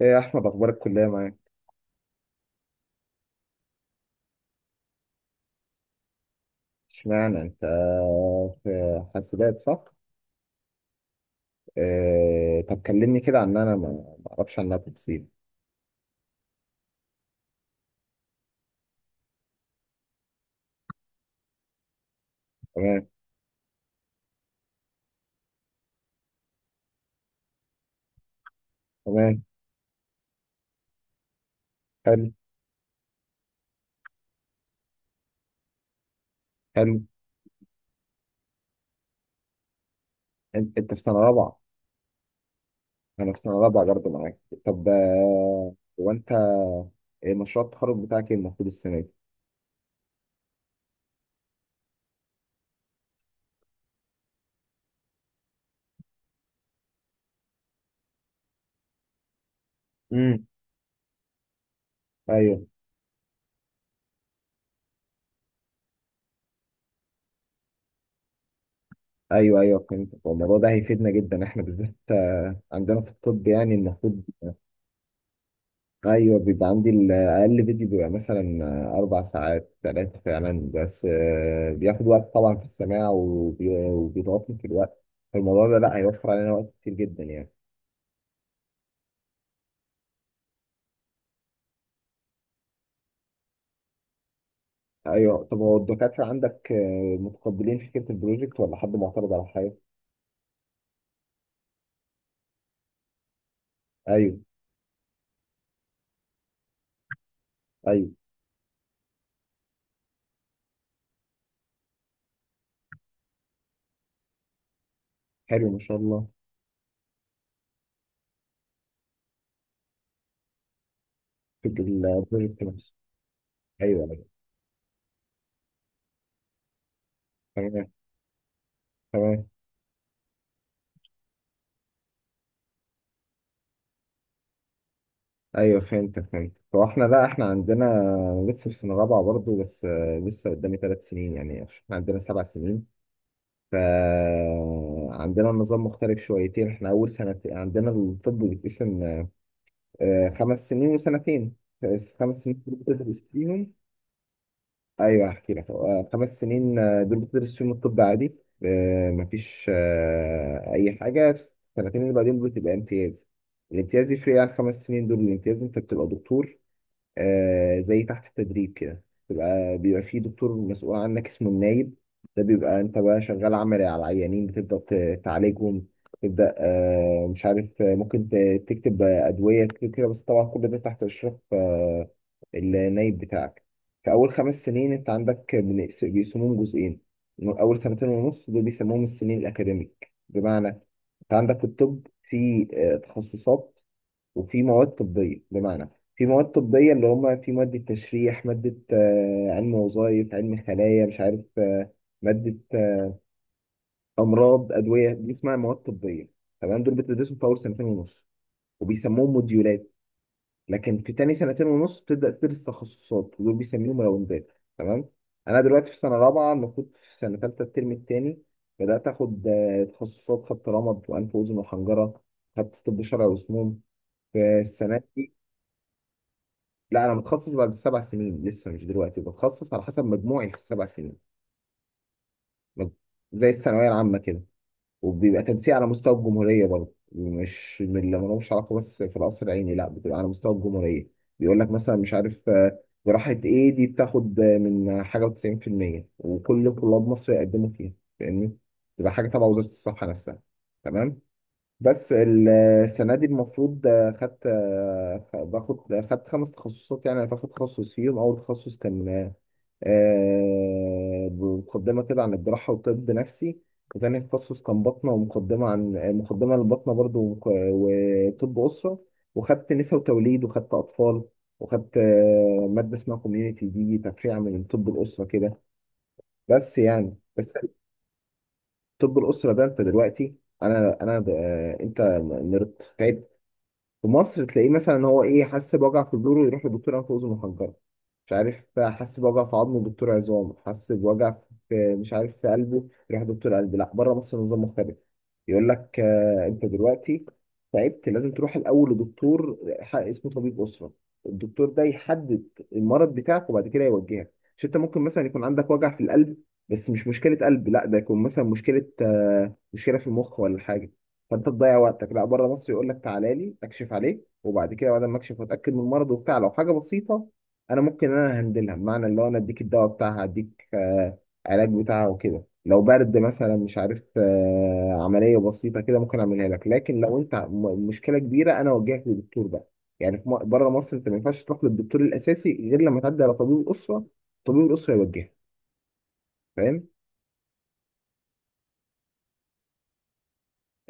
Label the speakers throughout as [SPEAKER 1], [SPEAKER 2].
[SPEAKER 1] ايه يا احمد، اخبار الكليه معاك؟ اشمعنى انت؟ في حاسبات، صح؟ إيه، طب كلمني كده عن انا ما اعرفش عنها تفاصيل. تمام، تمام. حلو، حلو. انت في سنه رابعه؟ انا في سنه رابعه برضه معاك. طب، هو انت، إيه مشروع التخرج بتاعك، ايه المفروض السنه دي؟ امم. ايوه. ايوه، ايوه، فهمت. هو الموضوع ده هيفيدنا جدا احنا بالذات، عندنا في الطب يعني المفروض. ايوه، بيبقى عندي الاقل فيديو بيبقى مثلا اربع ساعات ثلاثه فعلا، بس بياخد وقت طبعا في السماع، وبيضغطني في الوقت. فالموضوع ده لا هيوفر علينا وقت كتير جدا يعني. ايوه، طب هو الدكاتره عندك متقبلين فكره البروجكت ولا حد معترض على حاجه؟ ايوه، ايوه. حلو، ما شاء الله. في البروجكت نفسه. ايوه، ايوه. تمام، تمام. ايوه، فهمت، فهمت. هو احنا، لا احنا عندنا لسه في سنه رابعه برضه، بس لسه قدامي ثلاث سنين يعني. احنا عندنا سبع سنين. فعندنا النظام مختلف شويتين. احنا اول سنة عندنا الطب بيتقسم، خمس سنين وسنتين. خمس سنين دول بتدرس فيهم. ايوه هحكي لك، خمس سنين دول بتدرس فيهم الطب عادي. مفيش اي حاجة في السنتين اللي بعدين بتبقى امتياز. الامتياز يفرق عن خمس سنين دول، الامتياز انت بتبقى دكتور. آه، زي تحت التدريب كده. بيبقى في دكتور مسؤول عنك اسمه النايب. ده بيبقى انت بقى شغال عملي على العيانين، بتبدأ تعالجهم. تبدأ آه مش عارف، ممكن تكتب أدوية كده كده، بس طبعا كل ده تحت إشراف النايب بتاعك. في أول خمس سنين أنت عندك بيقسموهم جزئين. أول سنتين ونص دول بيسموهم السنين الأكاديميك. بمعنى أنت عندك في الطب في تخصصات وفي مواد طبية. بمعنى في مواد طبية اللي هم في مادة تشريح، مادة علم وظائف، علم خلايا، مش عارف مادة أمراض، أدوية. دي اسمها مواد طبية تمام. دول بتدرسهم في أول سنتين ونص وبيسموهم موديولات. لكن في تاني سنتين ونص بتبدأ تدرس تخصصات ودول بيسميهم راوندات. تمام. أنا دلوقتي في سنة رابعة، المفروض في سنة تالتة الترم التاني بدأت آخد تخصصات. خدت رمد وأنف وأذن وحنجرة، خدت طب شرعي وسموم في السنة. لا، انا متخصص بعد السبع سنين، لسه مش دلوقتي بتخصص على حسب مجموعي في السبع سنين. مج- زي الثانويه العامه كده. وبيبقى تنسيق على مستوى الجمهوريه برضه، مش من اللي ملوش علاقه، بس في القصر العيني لا بتبقى على مستوى الجمهوريه. بيقول لك مثلا مش عارف، جراحه ايه دي بتاخد من حاجه و90% وكل طلاب مصر يقدموا فيها. فاهمني. تبقى حاجه تبع وزاره الصحه نفسها. تمام. بس ال- السنة دي المفروض خدت باخد خدت خمس تخصصات. يعني أنا باخد تخصص فيهم. أول تخصص كان مقدمة كده عن الجراحة وطب نفسي. وتاني تخصص كان باطنة ومقدمة عن مقدمة للباطنة برضو، وطب أسرة. وخدت نساء وتوليد، وخدت أطفال، وخدت مادة اسمها كوميونيتي. دي تفريع من طب الأسرة كده. بس يعني بس. طب الأسرة ده، أنت دلوقتي، أنا أنا أنت نرد في مصر، تلاقيه مثلا، هو ايه، حس بوجع في صدره يروح لدكتور انف واذن وحنجره، مش عارف، حس بوجع في عظمه دكتور عظام، حس بوجع في مش عارف في قلبه يروح دكتور قلب. لا بره مصر نظام مختلف. يقول لك آه انت دلوقتي تعبت لازم تروح الاول لدكتور اسمه طبيب اسره. الدكتور ده يحدد المرض بتاعك وبعد كده يوجهك. مش انت ممكن مثلا يكون عندك وجع في القلب بس مش مشكله قلب، لا ده يكون مثلا مشكله آه مشكله في المخ ولا حاجه، فانت تضيع وقتك. لا، بره مصر يقول لك تعالى لي اكشف عليك، وبعد كده بعد ما اكشف واتاكد من المرض وبتاع، لو حاجه بسيطه انا ممكن انا هندلها، بمعنى اللي هو انا اديك الدواء بتاعها، اديك علاج بتاعها وكده. لو برد مثلا مش عارف، عمليه بسيطه كده ممكن اعملها لك. لكن لو انت مشكله كبيره انا اوجهك للدكتور بقى. يعني في بره مصر انت ما ينفعش تروح للدكتور الاساسي غير لما تعدي على طبيب الاسره. طبيب الاسره يوجهك. فاهم؟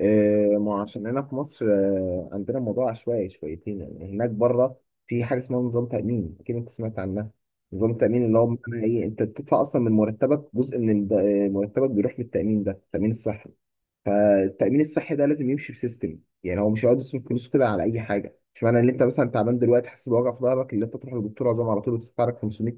[SPEAKER 1] ما عشان هنا في مصر عندنا الموضوع عشوائي شويتين. يعني هناك بره في حاجه اسمها نظام تامين، اكيد انت سمعت عنها. نظام التامين، اللي هو بمعنى ايه، انت بتدفع اصلا من مرتبك جزء من مرتبك بيروح للتامين ده، تامين الصحه. فالتأمين الصحي ده لازم يمشي بسيستم. يعني هو مش هيقعد يصرف فلوسه كده على أي حاجة. مش معنى إن أنت مثلا تعبان دلوقتي حاسس بوجع في ظهرك اللي أنت تروح للدكتور عظام على طول وتدفع لك 500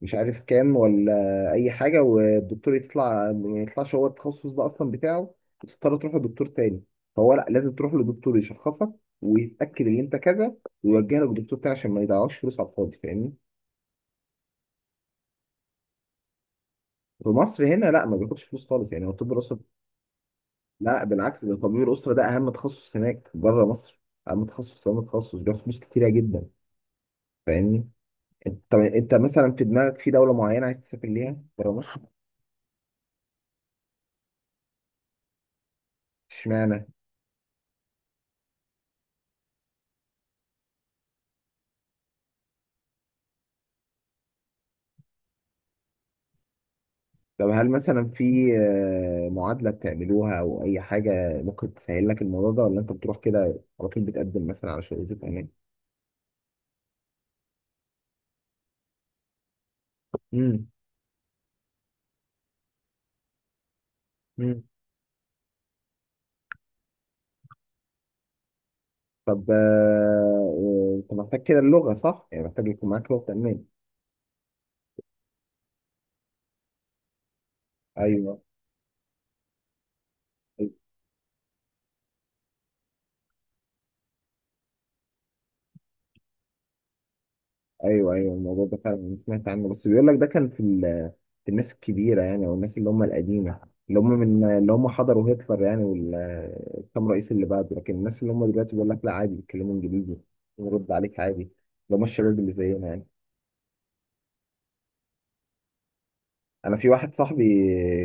[SPEAKER 1] مش عارف كام ولا أي حاجة، والدكتور يطلع ما يطلعش هو التخصص ده أصلا بتاعه، وتضطر تروح لدكتور تاني. فهو لا، لازم تروح لدكتور يشخصك ويتأكد إن أنت كذا ويوجه لك دكتور تاني عشان ما يضيعوش فلوس على الفاضي. فاهمني؟ في مصر هنا لا ما بياخدش فلوس خالص يعني، هو الطب الأسري. لا بالعكس، ده طبيب الاسره ده اهم تخصص هناك بره مصر. اهم تخصص، اهم تخصص، بياخد فلوس كتيره جدا. فاهمني. انت، طب انت مثلا في دماغك في دوله معينه عايز تسافر ليها بره مصر؟ اشمعنى؟ طب هل مثلا في معادله بتعملوها او اي حاجه ممكن تسهل لك الموضوع ده، ولا انت بتروح كده على طول بتقدم مثلا على شهادة امان؟ امم. امم. طب، انت محتاج كده اللغه، صح؟ يعني محتاج يكون معاك لغه امان. ايوه. ايوه، ايوه، الموضوع ده فعلا أنا سمعت عنه، بس بيقول لك ده كان في في الناس الكبيره يعني، او الناس اللي هم القديمه، اللي هم من اللي هم حضروا هتلر يعني والكام رئيس اللي بعده. لكن الناس اللي هم دلوقتي بيقول لك لا عادي بيتكلموا انجليزي ونرد عليك عادي، اللي هم الشباب اللي زينا يعني. انا في واحد صاحبي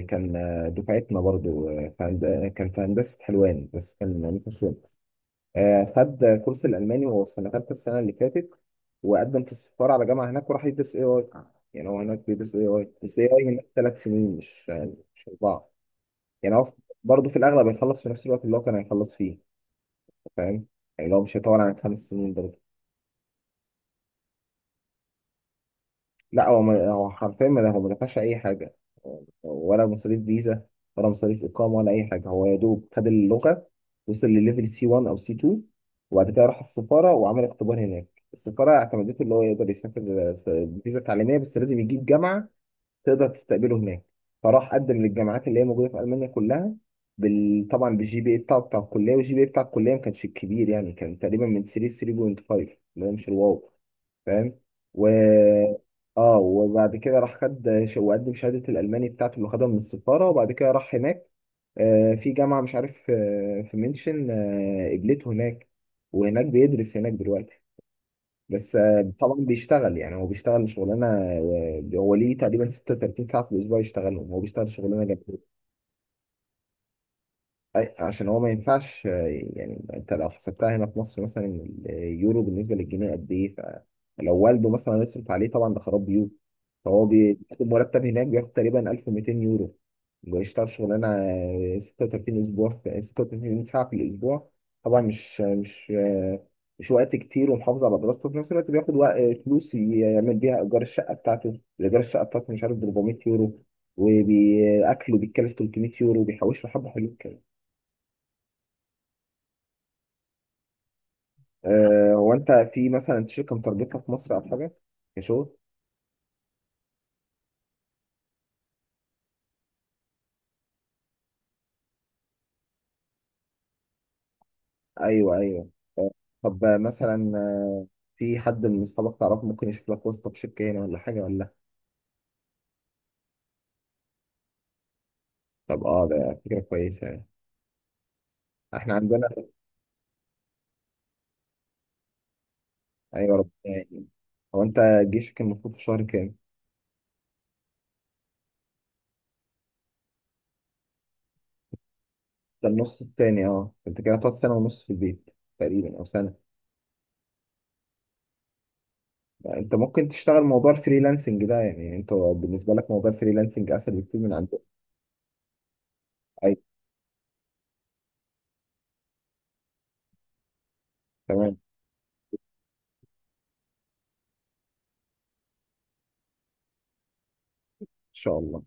[SPEAKER 1] كان دفعتنا برضه، في كان في هندسه حلوان بس كان ميكانيكا شغل. خد كورس الألماني وهو في سنة تالتة السنة اللي فاتت، وقدم في السفارة على جامعة هناك وراح يدرس اي اي. يعني هو هناك بيدرس اي اي، بس اي اي هناك ثلاث سنين مش أربعة. يعني هو برضه في الأغلب هيخلص في نفس الوقت اللي هو كان هيخلص فيه. فاهم. يعني لو مش هيطول عن خمس سنين برضه. لا هو حرفيا ما هو ما دفعش اي حاجه، ولا مصاريف فيزا، ولا مصاريف اقامه، ولا اي حاجه. هو يا دوب خد اللغه، وصل لليفل سي 1 او سي 2، وبعد كده راح السفاره وعمل اختبار هناك. السفاره اعتمدته اللي هو يقدر يسافر فيزا تعليميه، بس لازم يجيب جامعه تقدر تستقبله هناك. فراح قدم للجامعات اللي هي موجوده في المانيا كلها طبعا بالجي بي اي بتاعه بتاع الكليه. والجي بي اي بتاع الكليه ما كانش كبير يعني، كان تقريبا من 3 3.5 اللي هو مش الواو. فاهم. و، اه، وبعد كده راح خد وقدم شهادة الألماني بتاعته اللي خدها من السفارة، وبعد كده راح هناك في جامعة مش عارف في منشن قبلته هناك، وهناك بيدرس هناك دلوقتي. بس طبعا بيشتغل يعني، هو بيشتغل شغلانة هو ليه تقريبا 36 ساعة في الأسبوع يشتغلهم. هو بيشتغل شغلانة جامدة. أي عشان هو ما ينفعش يعني انت لو حسبتها هنا في مصر مثلا، اليورو بالنسبه للجنيه قد ايه. فلو والده مثلا يصرف عليه طبعا ده خراب بيوت. فهو بياخد مرتب هناك، بياخد تقريبا 1200 يورو. بيشتغل شغلانه 36 اسبوع في 36 ساعه في الاسبوع. طبعا مش وقت كتير، ومحافظ على دراسته في نفس الوقت. بياخد وقت، فلوس يعمل بيها ايجار الشقه بتاعته. الايجار الشقه بتاعته مش عارف ب 400 يورو، وبأكله بيتكلف 300 يورو، بيحوش له حبة حلوين. هو انت في مثلا شركه مترجتها في مصر او حاجه كشغل؟ ايوه، ايوه. آه، طب، مثلا، في حد من اصحابك تعرفه ممكن يشوف لك واسطه في شركه هنا ولا حاجه ولا لأ؟ طب اه ده فكره كويسه يعني. احنا عندنا. ايوه، ربنا يعني. هو انت جيشك المفروض في شهر كام؟ ده النص التاني. اه انت كده هتقعد سنه ونص في البيت تقريبا او سنه. يعني انت ممكن تشتغل موضوع الفريلانسنج ده. يعني انت بالنسبه لك موضوع الفريلانسنج اسهل بكتير من عندك. ايوه، تمام، ان شاء الله.